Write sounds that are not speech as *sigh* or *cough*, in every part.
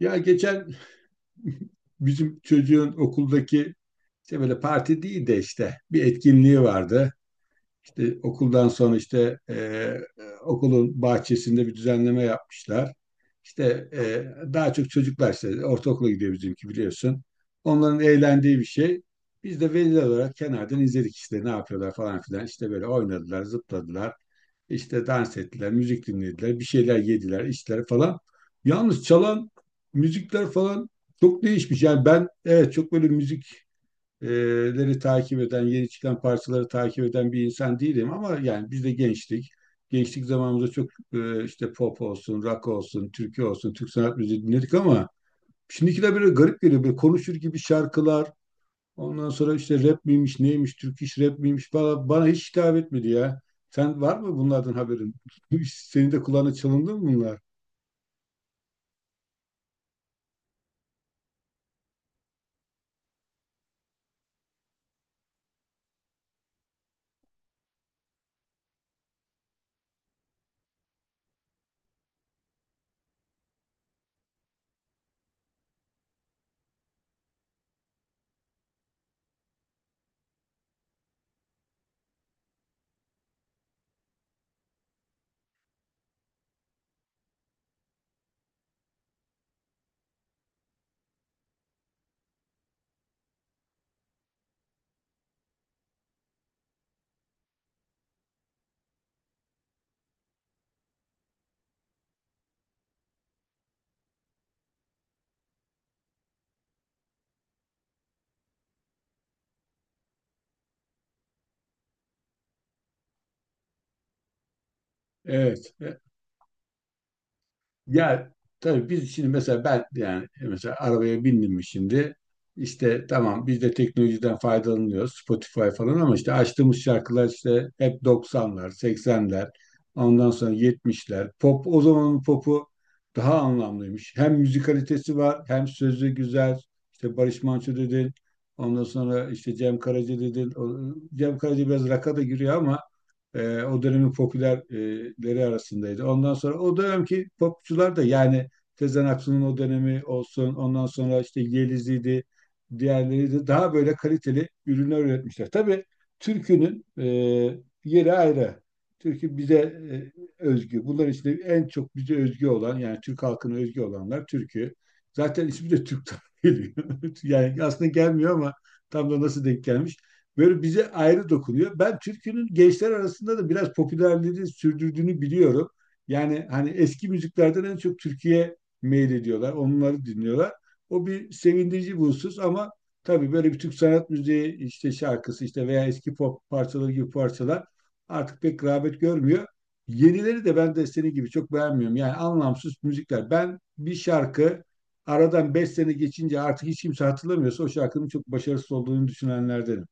Ya geçen *laughs* bizim çocuğun okuldaki işte böyle parti değil de işte bir etkinliği vardı. İşte okuldan sonra işte okulun bahçesinde bir düzenleme yapmışlar. İşte e, daha çok çocuklar işte ortaokula gidiyor bizimki biliyorsun. Onların eğlendiği bir şey. Biz de veliler olarak kenardan izledik işte ne yapıyorlar falan filan. İşte böyle oynadılar, zıpladılar. İşte dans ettiler, müzik dinlediler, bir şeyler yediler, içtiler falan. Yalnız çalan müzikler falan çok değişmiş. Yani ben evet çok böyle müzik e, leri takip eden, yeni çıkan parçaları takip eden bir insan değilim ama yani biz de gençtik. Gençlik zamanımızda çok işte pop olsun, rock olsun, türkü olsun, Türk sanat müziği dinledik ama şimdikiler böyle garip geliyor. Böyle konuşur gibi şarkılar, ondan sonra işte rap miymiş, neymiş, Türk iş rap miymiş bana hiç hitap etmedi ya. Sen var mı bunlardan haberin? *laughs* Senin de kulağına çalındı mı bunlar? Evet. Ya tabii biz şimdi mesela ben yani mesela arabaya bindim mi şimdi işte tamam biz de teknolojiden faydalanıyoruz Spotify falan ama işte açtığımız şarkılar işte hep 90'lar, 80'ler, ondan sonra 70'ler. Pop o zamanın popu daha anlamlıymış. Hem müzikalitesi var hem sözü güzel. İşte Barış Manço dedin. Ondan sonra işte Cem Karaca dedin. Cem Karaca biraz rock'a da giriyor ama o dönemin popülerleri arasındaydı. Ondan sonra o dönemki popçular da yani Tezen Aksu'nun o dönemi olsun, ondan sonra işte Yeliz'iydi, diğerleri de daha böyle kaliteli ürünler üretmişler. Tabii türkünün yeri ayrı. Türkü bize özgü. Bunların içinde en çok bize özgü olan yani Türk halkına özgü olanlar türkü. Zaten ismi de Türk'ten geliyor. *laughs* Yani aslında gelmiyor ama tam da nasıl denk gelmiş böyle bize ayrı dokunuyor. Ben türkünün gençler arasında da biraz popülerliğini sürdürdüğünü biliyorum. Yani hani eski müziklerden en çok Türkiye meylediyorlar, onları dinliyorlar. O bir sevindirici bir husus ama tabii böyle bir Türk sanat müziği işte şarkısı işte veya eski pop parçaları gibi parçalar artık pek rağbet görmüyor. Yenileri de ben de senin gibi çok beğenmiyorum. Yani anlamsız müzikler. Ben bir şarkı aradan 5 sene geçince artık hiç kimse hatırlamıyorsa o şarkının çok başarısız olduğunu düşünenlerdenim.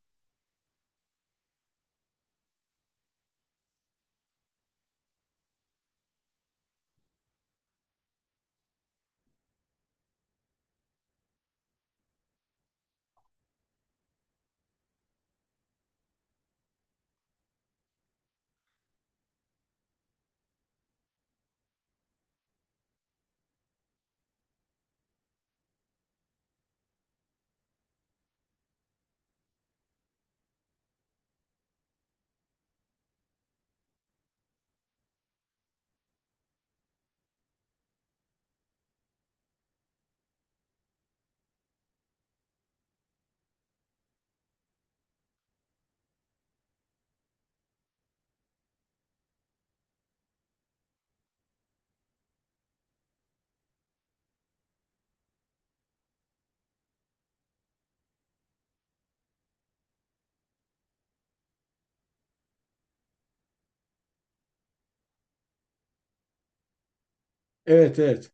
Evet, evet.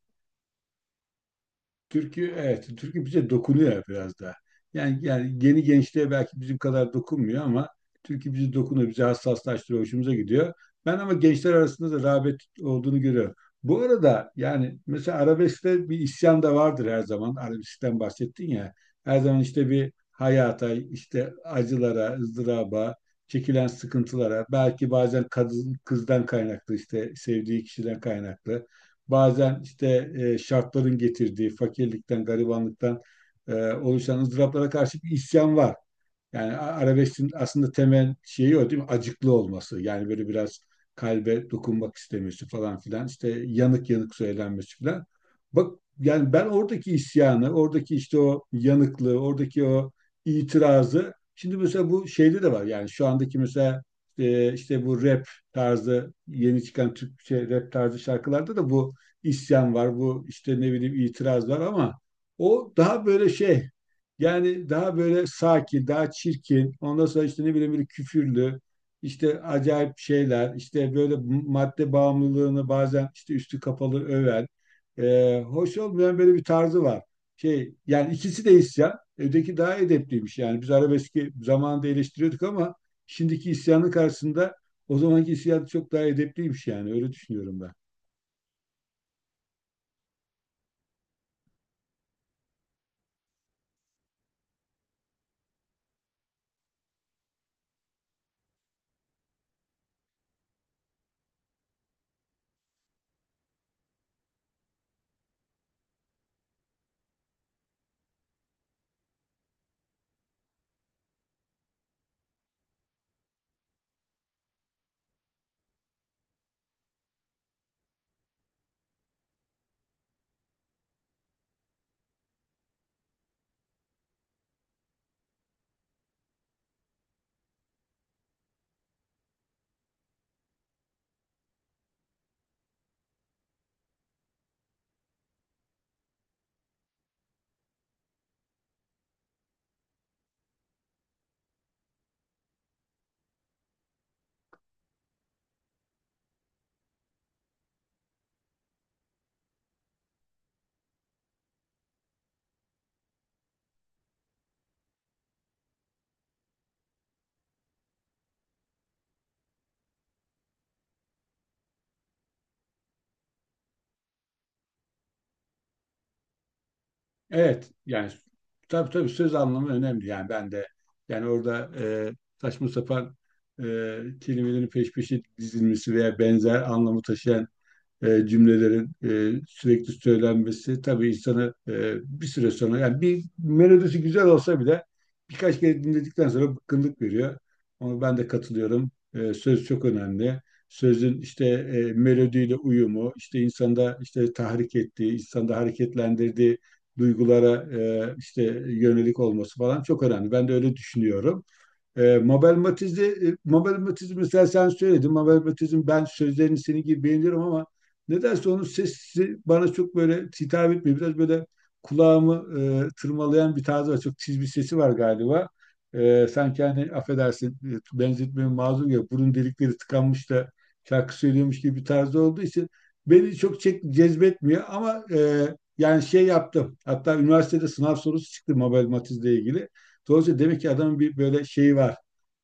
Türkü evet türkü bize dokunuyor biraz daha. Yani yeni gençliğe belki bizim kadar dokunmuyor ama türkü bizi dokunuyor, bizi hassaslaştırıyor, hoşumuza gidiyor. Ben ama gençler arasında da rağbet olduğunu görüyorum. Bu arada yani mesela arabeskte bir isyan da vardır her zaman. Arabeskten bahsettin ya. Her zaman işte bir hayata, işte acılara, ızdıraba, çekilen sıkıntılara, belki bazen kadın, kızdan kaynaklı işte sevdiği kişiden kaynaklı bazen işte şartların getirdiği fakirlikten, garibanlıktan oluşan ızdıraplara karşı bir isyan var. Yani arabesk'in aslında temel şeyi o değil mi? Acıklı olması. Yani böyle biraz kalbe dokunmak istemesi falan filan. İşte yanık yanık söylenmesi filan. Bak yani ben oradaki isyanı, oradaki işte o yanıklığı, oradaki o itirazı şimdi mesela bu şeyde de var. Yani şu andaki mesela işte bu rap tarzı yeni çıkan Türkçe rap tarzı şarkılarda da bu isyan var. Bu işte ne bileyim itiraz var ama o daha böyle şey yani daha böyle sakin, daha çirkin. Ondan sonra işte ne bileyim böyle küfürlü, işte acayip şeyler, işte böyle madde bağımlılığını bazen işte üstü kapalı öven, hoş olmayan böyle bir tarzı var. Şey, yani ikisi de isyan. Öteki daha edepliymiş yani. Biz arabeski zamanında eleştiriyorduk ama şimdiki isyanın karşısında o zamanki isyan çok daha edepliymiş yani. Öyle düşünüyorum ben. Evet yani tabii söz anlamı önemli. Yani ben de yani orada saçma sapan e, kelimelerin peş peşe dizilmesi veya benzer anlamı taşıyan cümlelerin sürekli söylenmesi tabii insanı bir süre sonra yani bir melodisi güzel olsa bile birkaç kere dinledikten sonra bıkkınlık veriyor. Ama ben de katılıyorum. Söz çok önemli. Sözün işte melodiyle uyumu, işte insanda işte tahrik ettiği, insanda hareketlendirdiği duygulara işte yönelik olması falan çok önemli. Ben de öyle düşünüyorum. Mabel Matiz'i mesela sen söyledin. Mabel Matiz'in ben sözlerini senin gibi beğeniyorum ama nedense onun sesi bana çok böyle hitap etmiyor. Biraz böyle kulağımı tırmalayan bir tarzı var. Çok tiz bir sesi var galiba. Sanki hani affedersin benzetmeye mazur ya burun delikleri tıkanmış da şarkı söylüyormuş gibi bir tarzı olduğu için beni cezbetmiyor ama yani şey yaptım. Hatta üniversitede sınav sorusu çıktı Mabel Matiz'le ilgili. Dolayısıyla demek ki adamın bir böyle şeyi var.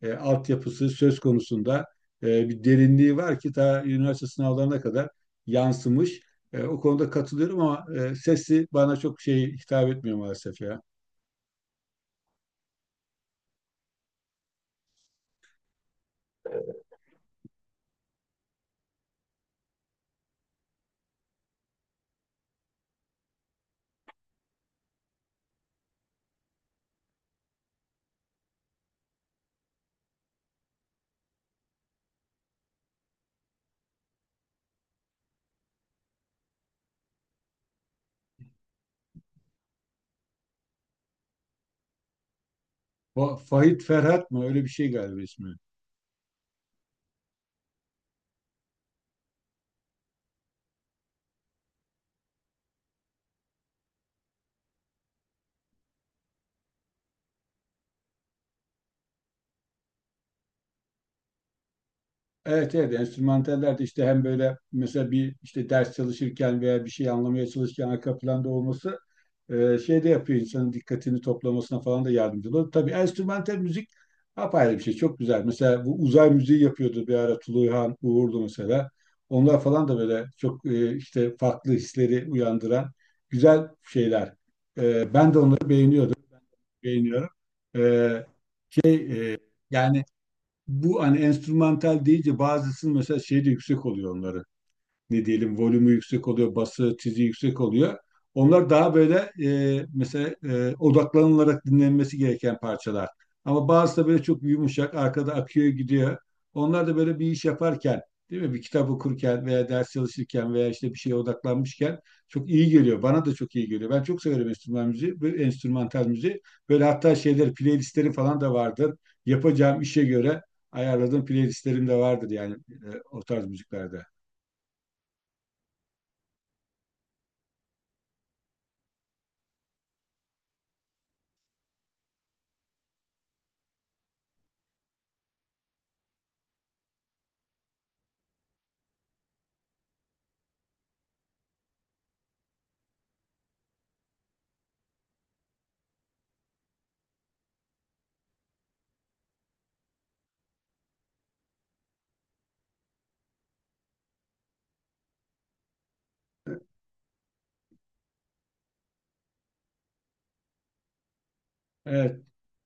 Altyapısı söz konusunda bir derinliği var ki ta üniversite sınavlarına kadar yansımış. O konuda katılıyorum ama sesi bana çok şey hitap etmiyor maalesef ya. O Fahit Ferhat mı? Öyle bir şey galiba ismi. Evet, evet, enstrümantaller de işte hem böyle mesela bir işte ders çalışırken veya bir şey anlamaya çalışırken arka planda olması şey de yapıyor insanın dikkatini toplamasına falan da yardımcı oluyor. Tabii enstrümantal müzik apayrı bir şey çok güzel. Mesela bu uzay müziği yapıyordu bir ara Tuluyhan Uğurlu mesela. Onlar falan da böyle çok işte farklı hisleri uyandıran güzel şeyler. Ben de onları beğeniyordum, beğeniyorum. E, şey e, yani bu hani enstrümantal deyince bazısının mesela şeyi de yüksek oluyor onların ne diyelim volümü yüksek oluyor, bası, tizi yüksek oluyor. Onlar daha böyle mesela odaklanılarak dinlenmesi gereken parçalar. Ama bazısı da böyle çok yumuşak, arkada akıyor gidiyor. Onlar da böyle bir iş yaparken, değil mi? Bir kitap okurken veya ders çalışırken veya işte bir şeye odaklanmışken çok iyi geliyor. Bana da çok iyi geliyor. Ben çok severim enstrüman müziği, böyle enstrümantal müziği. Böyle hatta şeyler, playlistlerim falan da vardır. Yapacağım işe göre ayarladığım playlistlerim de vardır yani o tarz müziklerde. Evet.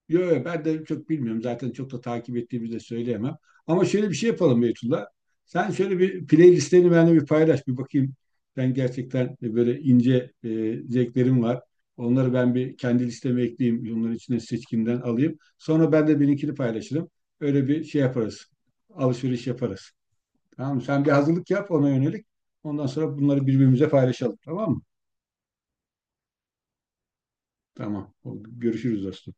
Yo, yo, ben de çok bilmiyorum. Zaten çok da takip ettiğimi de söyleyemem. Ama şöyle bir şey yapalım Beytullah. Sen şöyle bir playlistlerini benimle bir paylaş. Bir bakayım. Ben gerçekten böyle ince zevklerim var. Onları ben bir kendi listeme ekleyeyim. Onların içine seçkimden alayım. Sonra ben de benimkini paylaşırım. Öyle bir şey yaparız. Alışveriş yaparız. Tamam mı? Sen bir hazırlık yap ona yönelik. Ondan sonra bunları birbirimize paylaşalım. Tamam mı? Tamam. Oldu. Görüşürüz dostum.